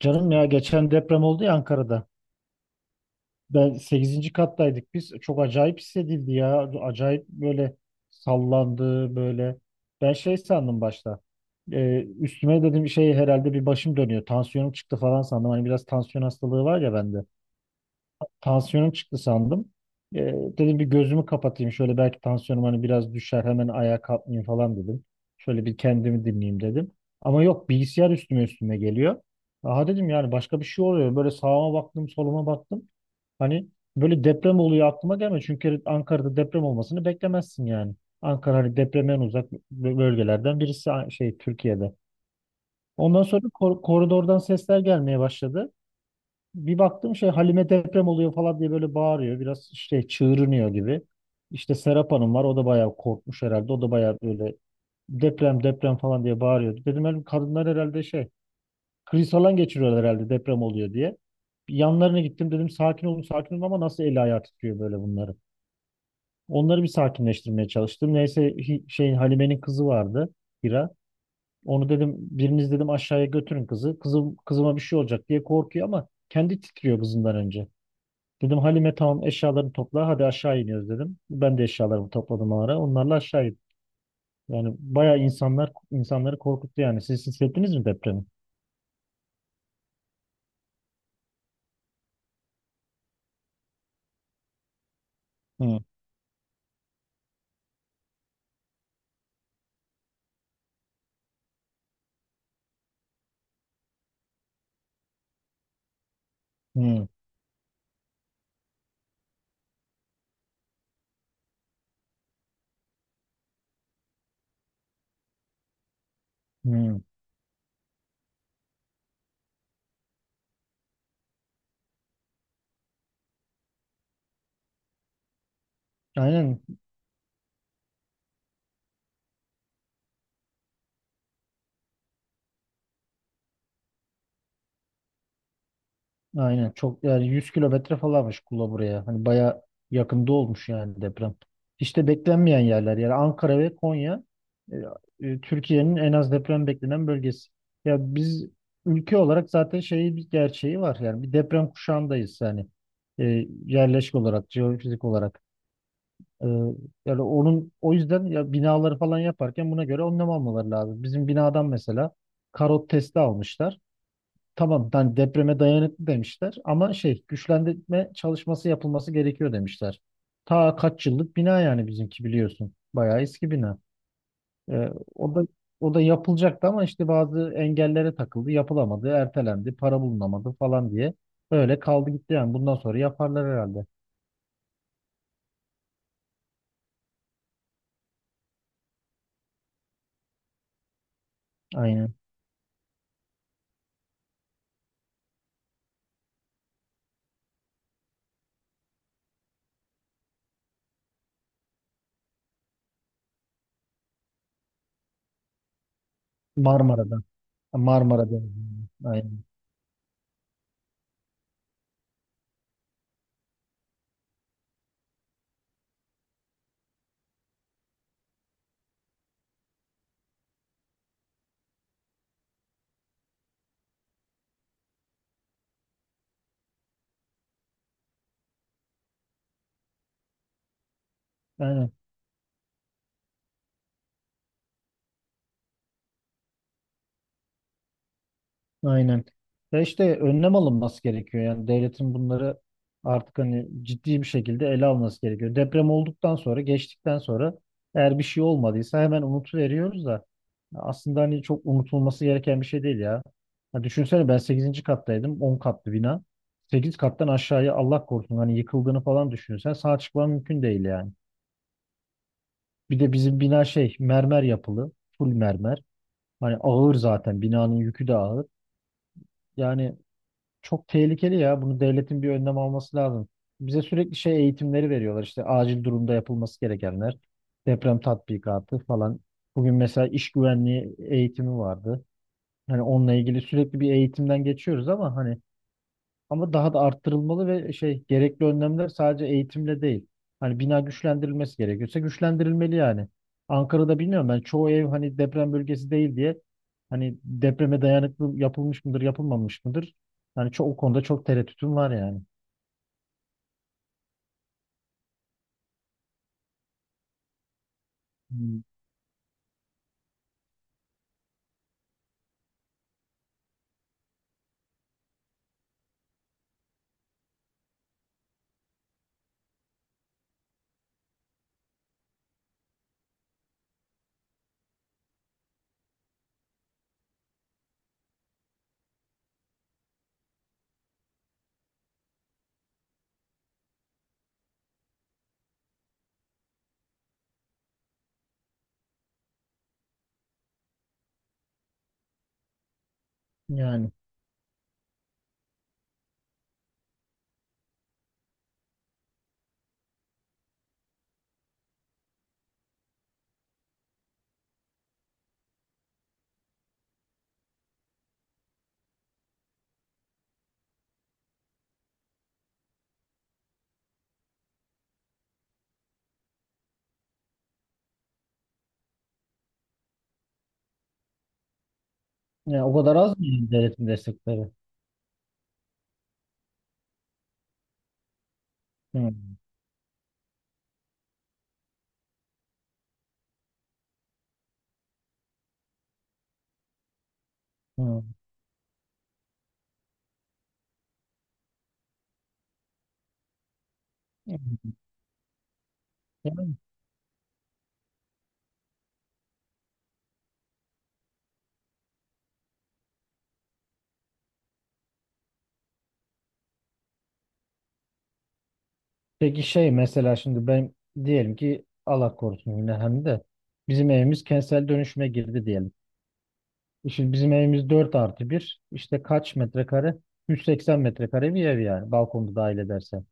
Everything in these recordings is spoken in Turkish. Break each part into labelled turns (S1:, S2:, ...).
S1: Canım ya geçen deprem oldu ya Ankara'da. Ben sekizinci kattaydık biz. Çok acayip hissedildi ya. Acayip böyle sallandı böyle. Ben şey sandım başta. Üstüme dedim şey herhalde bir başım dönüyor. Tansiyonum çıktı falan sandım. Hani biraz tansiyon hastalığı var ya bende. Tansiyonum çıktı sandım. Ee, dedim bir gözümü kapatayım şöyle belki tansiyonum hani biraz düşer hemen ayağa kalkmayayım falan dedim. Şöyle bir kendimi dinleyeyim dedim. Ama yok, bilgisayar üstüme üstüme geliyor. Aha dedim, yani başka bir şey oluyor. Böyle sağıma baktım, soluma baktım. Hani böyle deprem oluyor aklıma gelmiyor. Çünkü Ankara'da deprem olmasını beklemezsin yani. Ankara hani depremden uzak bölgelerden birisi, şey, Türkiye'de. Ondan sonra koridordan sesler gelmeye başladı, bir baktım şey, Halime deprem oluyor falan diye böyle bağırıyor. Biraz işte çığırınıyor gibi. İşte Serap Hanım var. O da bayağı korkmuş herhalde. O da bayağı böyle deprem deprem falan diye bağırıyordu. Dedim, "Oğlum kadınlar herhalde şey kriz falan geçiriyorlar herhalde deprem oluyor diye. Bir yanlarına gittim dedim sakin olun sakin olun, ama nasıl eli ayağı titriyor böyle bunları. Onları bir sakinleştirmeye çalıştım. Neyse, şey, Halime'nin kızı vardı, Hira. Onu dedim biriniz dedim aşağıya götürün kızı. Kızım kızıma bir şey olacak diye korkuyor, ama kendi titriyor kızından önce. Dedim Halime tamam eşyalarını topla, hadi aşağı iniyoruz dedim. Ben de eşyalarımı topladım o ara. Onlarla aşağı indim. Yani bayağı insanlar insanları korkuttu yani. Siz hissettiniz mi depremi? Hı, hı, hı. Aynen, aynen. Çok yani 100 kilometre falanmış Kula buraya. Hani baya yakında olmuş yani deprem. İşte beklenmeyen yerler, yani Ankara ve Konya, e, Türkiye'nin en az deprem beklenen bölgesi. Ya biz ülke olarak zaten şeyi, bir gerçeği var, yani bir deprem kuşağındayız yani, e, yerleşik olarak, jeofizik olarak. E, yani onun, o yüzden ya binaları falan yaparken buna göre önlem almaları lazım. Bizim binadan mesela karot testi almışlar. Tamam, yani depreme dayanıklı demişler, ama şey, güçlendirme çalışması yapılması gerekiyor demişler. Ta kaç yıllık bina, yani bizimki biliyorsun. Bayağı eski bina. Ee, o da o da yapılacaktı, ama işte bazı engellere takıldı, yapılamadı, ertelendi, para bulunamadı falan diye. Öyle kaldı gitti yani. Bundan sonra yaparlar herhalde. Aynen. Marmara'da. Marmara'da. Aynen. Aynen. Aynen. Ya işte önlem alınması gerekiyor. Yani devletin bunları artık hani ciddi bir şekilde ele alması gerekiyor. Deprem olduktan sonra, geçtikten sonra, eğer bir şey olmadıysa hemen unutuveriyoruz da aslında hani çok unutulması gereken bir şey değil ya. Ya düşünsene, ben sekizinci kattaydım. 10 katlı bina. 8 kattan aşağıya Allah korusun, hani yıkıldığını falan düşünürsen sağ çıkman mümkün değil yani. Bir de bizim bina şey mermer yapılı. Full mermer. Hani ağır, zaten binanın yükü de ağır. Yani çok tehlikeli ya. Bunu devletin bir önlem alması lazım. Bize sürekli şey eğitimleri veriyorlar. İşte acil durumda yapılması gerekenler. Deprem tatbikatı falan. Bugün mesela iş güvenliği eğitimi vardı. Hani onunla ilgili sürekli bir eğitimden geçiyoruz, ama hani, ama daha da arttırılmalı ve şey, gerekli önlemler sadece eğitimle değil. Hani bina güçlendirilmesi gerekiyorsa güçlendirilmeli yani. Ankara'da bilmiyorum, ben çoğu ev hani deprem bölgesi değil diye hani depreme dayanıklı yapılmış mıdır yapılmamış mıdır? Yani çok, o konuda çok tereddütüm var yani. Hmm. Yani, yani, o kadar az mı yani devletin destekleri? Hmm. Hmm. Yani peki şey mesela şimdi ben diyelim ki, Allah korusun yine, hem de bizim evimiz kentsel dönüşüme girdi diyelim. Şimdi bizim evimiz 4+1. İşte kaç metrekare? 180 metrekare bir ev yani balkonu dahil edersen.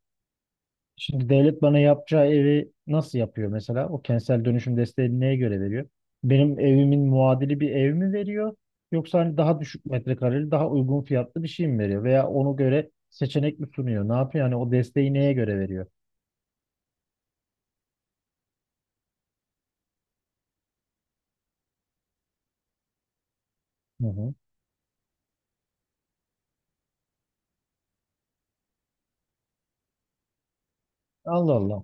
S1: Şimdi devlet bana yapacağı evi nasıl yapıyor mesela? O kentsel dönüşüm desteğini neye göre veriyor? Benim evimin muadili bir ev mi veriyor? Yoksa hani daha düşük metrekareli, daha uygun fiyatlı bir şey mi veriyor? Veya ona göre seçenek mi sunuyor? Ne yapıyor? Yani o desteği neye göre veriyor? Hı hı. Allah Allah.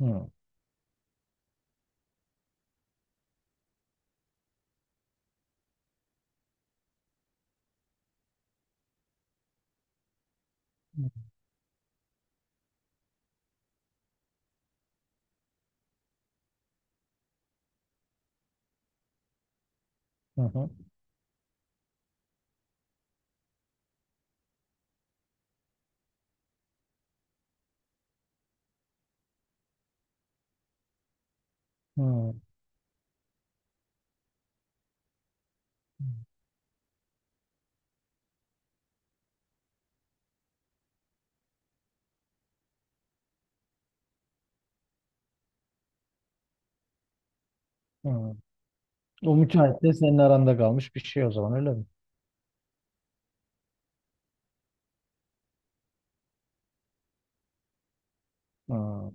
S1: Hı. Hı hı. Hı. Hı. O müteahhitle senin aranda kalmış bir şey o zaman, öyle mi? Hı.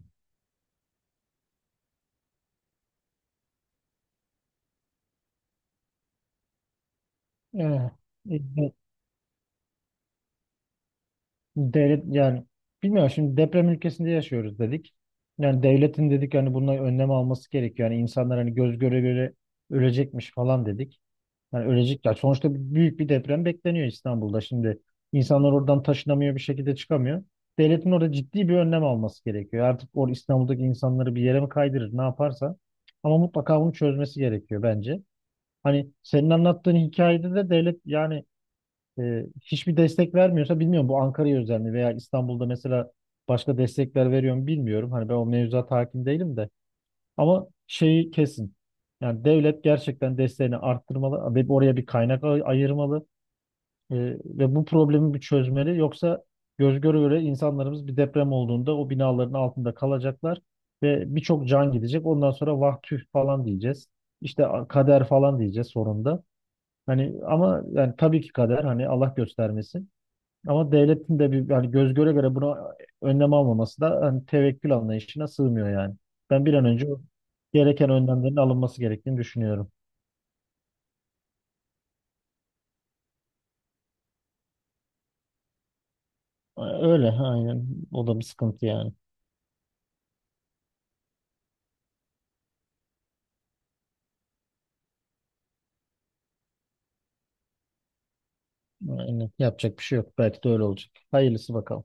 S1: Evet. De- Devlet yani, bilmiyorum, şimdi deprem ülkesinde yaşıyoruz dedik. Yani devletin dedik yani bununla önlem alması gerekiyor. Yani insanlar hani göz göre göre ölecekmiş falan dedik. Yani ölecekler. Sonuçta büyük bir deprem bekleniyor İstanbul'da. Şimdi insanlar oradan taşınamıyor, bir şekilde çıkamıyor. Devletin orada ciddi bir önlem alması gerekiyor. Artık İstanbul'daki insanları bir yere mi kaydırır, ne yaparsa. Ama mutlaka bunu çözmesi gerekiyor bence. Hani senin anlattığın hikayede de devlet yani, hiçbir destek vermiyorsa, bilmiyorum bu Ankara'ya özel mi veya İstanbul'da mesela başka destekler veriyor mu bilmiyorum. Hani ben o mevzuata hakim değilim de, ama şeyi kesin. Yani devlet gerçekten desteğini arttırmalı ve oraya bir kaynak ayırmalı e, ve bu problemi bir çözmeli. Yoksa göz göre göre insanlarımız bir deprem olduğunda o binaların altında kalacaklar ve birçok can gidecek. Ondan sonra vah tüh falan diyeceğiz. İşte kader falan diyeceğiz sonunda. Hani ama yani tabii ki kader, hani Allah göstermesin. Ama devletin de bir hani göz göre göre buna önlem almaması da hani tevekkül anlayışına sığmıyor yani. Ben bir an önce o gereken önlemlerin alınması gerektiğini düşünüyorum. Öyle aynen. O da bir sıkıntı yani. Aynen. Yapacak bir şey yok. Belki de öyle olacak. Hayırlısı bakalım.